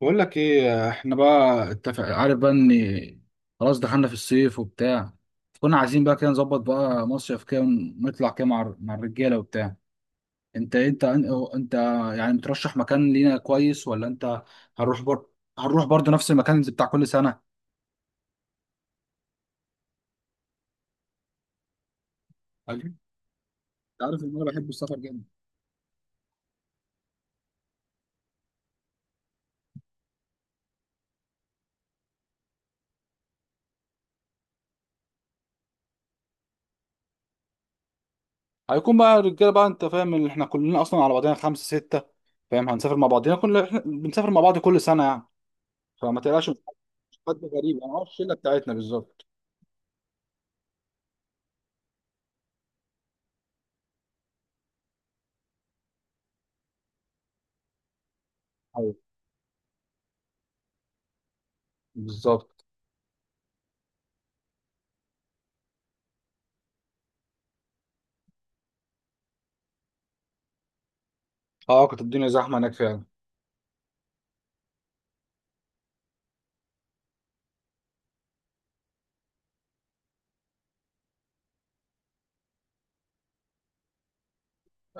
بقول لك ايه، احنا بقى اتفق، عارف بقى ان خلاص دخلنا في الصيف وبتاع. كنا عايزين بقى كده نظبط بقى مصيف كده، نطلع كده مع الرجاله وبتاع. انت انت انت يعني بترشح مكان لينا كويس؟ ولا انت هنروح بر... هنروح برضه نفس المكان اللي بتاع كل سنه؟ أكيد. انت عارف ان انا بحب السفر جدا. هيكون بقى الرجاله بقى، انت فاهم ان احنا كلنا اصلا على بعضنا خمسه سته، فاهم، هنسافر مع بعضنا كلنا، احنا بنسافر مع بعض كل سنه يعني. فما تقلقش، مش حد غريب انا، هو الشله بتاعتنا بالظبط. ايوه، بالظبط. اه كانت الدنيا زحمه هناك فعلا.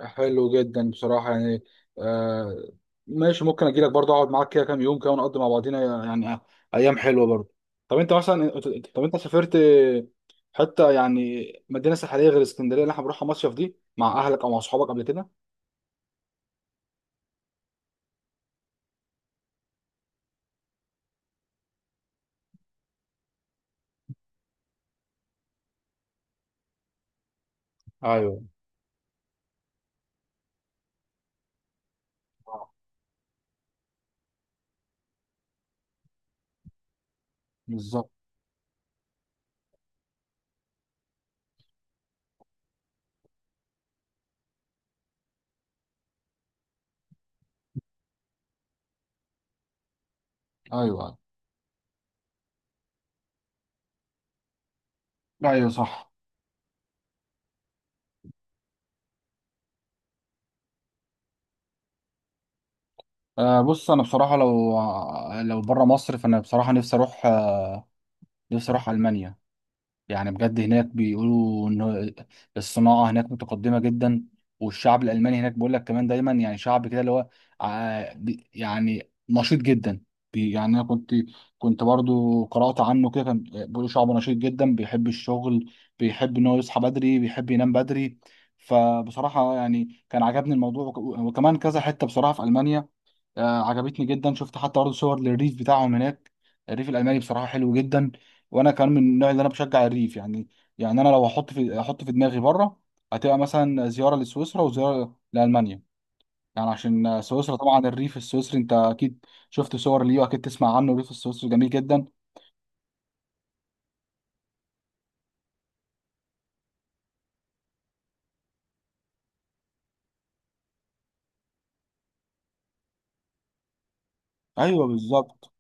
حلو جدا بصراحه يعني. آه ماشي، ممكن اجي لك برضه اقعد معاك كده كام يوم كده ونقضي مع بعضينا يعني ايام حلوه برضه. طب انت مثلا طب انت سافرت حته يعني، مدينه ساحليه غير اسكندريه اللي احنا بنروحها مصيف دي، مع اهلك او مع اصحابك قبل كده؟ ايوه، بالظبط. ايوه ايوه. ايوه صح. بص، انا بصراحه لو بره مصر فانا بصراحه نفسي اروح المانيا. يعني بجد هناك بيقولوا ان الصناعه هناك متقدمه جدا. والشعب الالماني هناك بيقول لك كمان دايما يعني شعب كده اللي هو يعني نشيط جدا. يعني انا كنت، برضو قرات عنه كده، كان بيقولوا شعب نشيط جدا بيحب الشغل، بيحب ان هو يصحى بدري بيحب ينام بدري. فبصراحه يعني كان عجبني الموضوع، وكمان كذا حته بصراحه في المانيا عجبتني جدا، شفت حتى برضه صور للريف بتاعهم هناك. الريف الالماني بصراحه حلو جدا. وانا كمان من النوع اللي انا بشجع الريف يعني. يعني انا لو احط في دماغي بره هتبقى مثلا زياره لسويسرا وزياره لالمانيا. يعني عشان سويسرا طبعا، الريف السويسري انت اكيد شفت صور ليه واكيد تسمع عنه، الريف السويسري جميل جدا. ايوه بالظبط.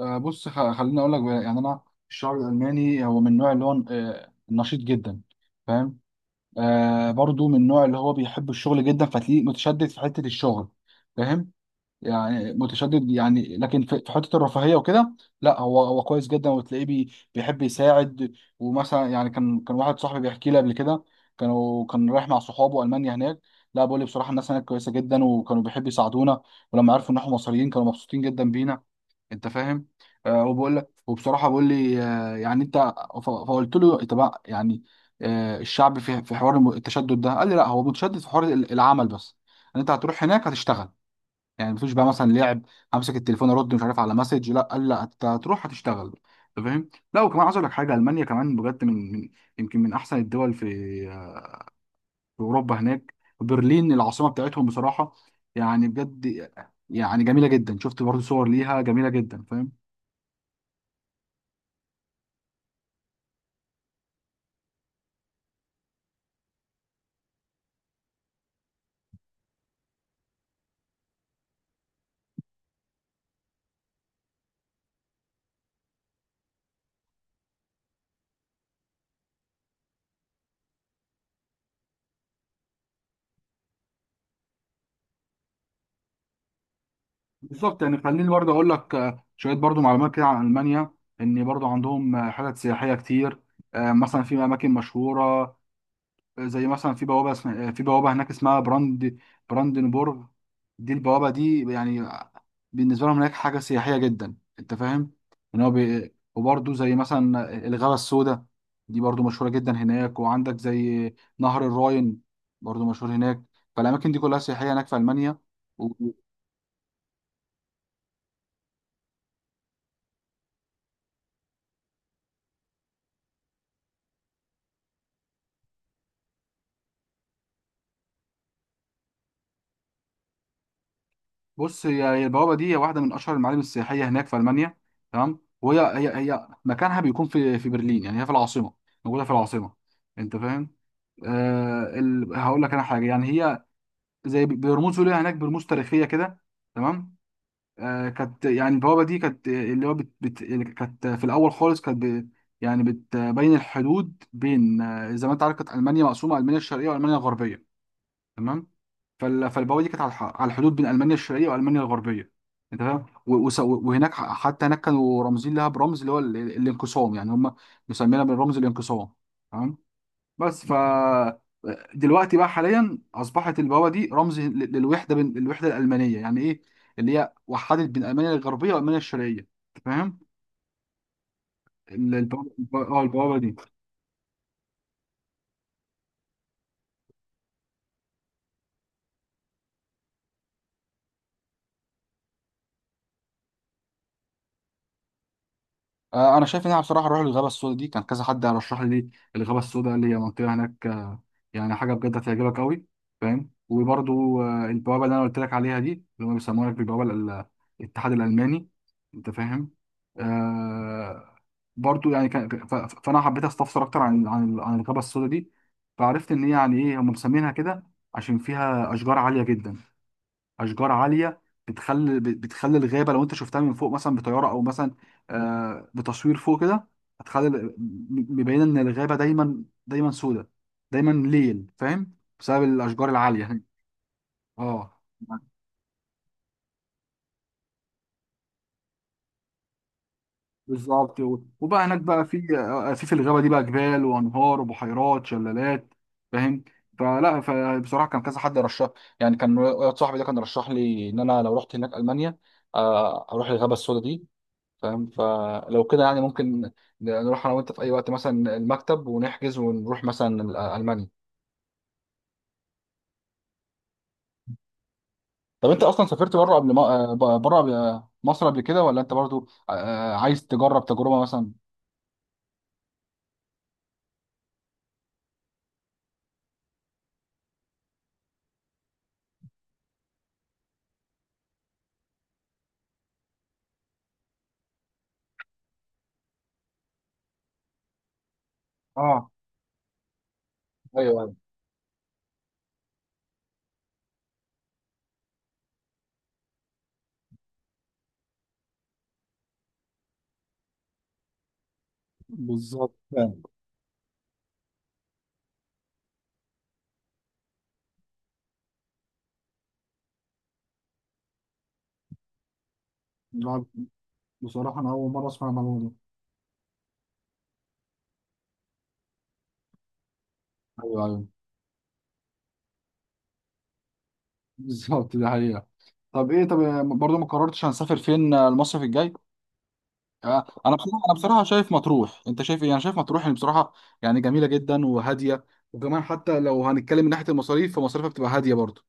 بص، خليني اقول لك بقى، يعني انا الشعب الالماني هو من النوع اللي هو نشيط جدا. فاهم. برضو من النوع اللي هو بيحب الشغل جدا، فتلاقيه متشدد في حتة الشغل. فاهم. يعني متشدد يعني، لكن في حتة الرفاهية وكده لا، هو كويس جدا وتلاقيه بيحب يساعد. ومثلا يعني كان واحد صاحبي بيحكي لي قبل كده، كان رايح مع صحابه ألمانيا هناك. لا، بقول لي بصراحة الناس هناك كويسة جدا وكانوا بيحبوا يساعدونا، ولما عرفوا ان احنا مصريين كانوا مبسوطين جدا بينا. انت فاهم. وبقول لك، وبصراحه بقول لي يعني انت، فقلت له طب يعني الشعب في حوار التشدد ده، قال لي لا، هو متشدد في حوار العمل بس، ان انت هتروح هناك هتشتغل، يعني مفيش بقى مثلا لعب، امسك التليفون ارد مش عارف على مسج، لا قال لا، انت هتروح هتشتغل. انت فاهم. لا وكمان عايز اقول لك حاجه، المانيا كمان بجد من، يمكن من احسن الدول في اوروبا هناك. برلين العاصمه بتاعتهم بصراحه، يعني بجد يعني جميله جدا، شفت برضه صور ليها جميله جدا، فاهم. بالظبط. يعني خليني برضه اقول لك شويه برضه معلومات كده عن المانيا، ان برضه عندهم حتت سياحيه كتير. مثلا في اماكن مشهوره، زي مثلا في بوابه اسم- آه، في بوابه هناك اسمها براند، براندنبورغ. دي البوابه دي يعني بالنسبه لهم هناك حاجه سياحيه جدا، انت فاهم، ان هو وبرضه زي مثلا الغابه السوداء، دي برضه مشهوره جدا هناك. وعندك زي نهر الراين برضه مشهور هناك. فالاماكن دي كلها سياحيه هناك في المانيا. بص، هي البوابه دي واحده من اشهر المعالم السياحيه هناك في المانيا، تمام، وهي هي هي مكانها بيكون في برلين، يعني هي في العاصمه، موجوده في العاصمه، انت فاهم. هقول لك انا حاجه، يعني هي زي برموز ليها هناك، برموز تاريخيه كده، تمام. كانت، يعني البوابه دي كانت اللي هو كانت في الاول خالص، يعني بتبين الحدود بين زي ما انت عارف كانت المانيا مقسومه، المانيا الشرقيه والمانيا الغربيه، تمام. فالبوابه دي كانت على على الحدود بين المانيا الشرقيه والمانيا الغربيه، انت فاهم. وهناك حتى هناك كانوا رامزين لها برمز اللي هو الانقسام، يعني هم مسمينها بالرمز الانقسام، تمام. بس ف دلوقتي بقى حاليا اصبحت البوابه دي رمز للوحده، بين الوحده الالمانيه يعني ايه، اللي هي وحدت بين المانيا الغربيه والمانيا الشرقيه، انت فاهم. ال- البوابه الب- اه البوابه دي. انا شايف ان انا بصراحه اروح للغابه السوداء دي، كان كذا حد رشح لي الغابه السوداء، اللي هي منطقه هناك يعني حاجه بجد هتعجبك قوي، فاهم. وبرضو البوابه اللي انا قلت لك عليها دي، اللي هم بيسموها لك بالبوابه الاتحاد الالماني، انت فاهم. آه برضو يعني كان فانا حبيت استفسر اكتر عن الغابه السوداء دي، فعرفت ان هي يعني ايه هم مسمينها كده عشان فيها اشجار عاليه جدا. اشجار عاليه بتخلي الغابه لو انت شفتها من فوق مثلا بطياره، او مثلا بتصوير فوق كده، هتخلي مبينه ان الغابه دايما دايما سودة، دايما ليل، فاهم، بسبب الاشجار العاليه. اه. بالظبط. وبقى هناك بقى في في الغابه دي بقى جبال وانهار وبحيرات شلالات، فاهم. فلا، فبصراحه كان كذا حد رشح، يعني كان واحد صاحبي ده كان رشح لي ان انا لو رحت هناك المانيا اروح الغابه السوداء دي، فاهم. فلو كده يعني ممكن نروح انا وانت في اي وقت مثلا المكتب ونحجز ونروح مثلا المانيا. طب انت اصلا سافرت بره قبل، ما بره مصر قبل كده، ولا انت برضو عايز تجرب تجربه مثلا؟ اه. ايوه ايوه. بالظبط فاهم. لا، بصراحة أنا أول مرة أسمع الموضوع ده. ايوه ايوه. بالظبط ده حقيقه. طب ايه، طب برضو ما قررتش هنسافر فين المصيف الجاي. انا بصراحه شايف مطروح، انت شايف ايه؟ انا شايف مطروح، يعني بصراحه يعني جميله جدا وهاديه، وكمان حتى لو هنتكلم من ناحيه المصاريف فمصاريفها بتبقى هاديه برضه.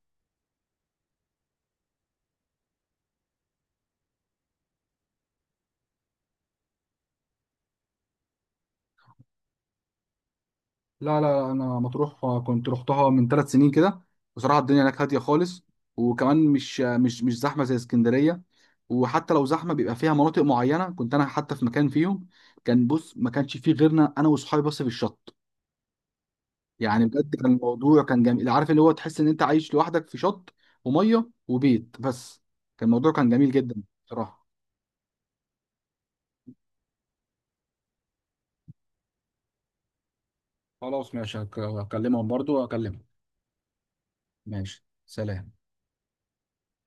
لا لا، انا مطروح كنت رحتها من 3 سنين كده، بصراحه الدنيا هناك هاديه خالص، وكمان مش مش زحمه زي اسكندريه، وحتى لو زحمه بيبقى فيها مناطق معينه، كنت انا حتى في مكان فيهم كان، بص ما كانش فيه غيرنا، انا واصحابي بس في الشط، يعني بجد كان الموضوع كان جميل، عارف اللي هو تحس ان انت عايش لوحدك في شط وميه وبيت بس، كان الموضوع كان جميل جدا بصراحة. خلاص ماشي، هكلمهم، برضو هكلمهم، ماشي سلام.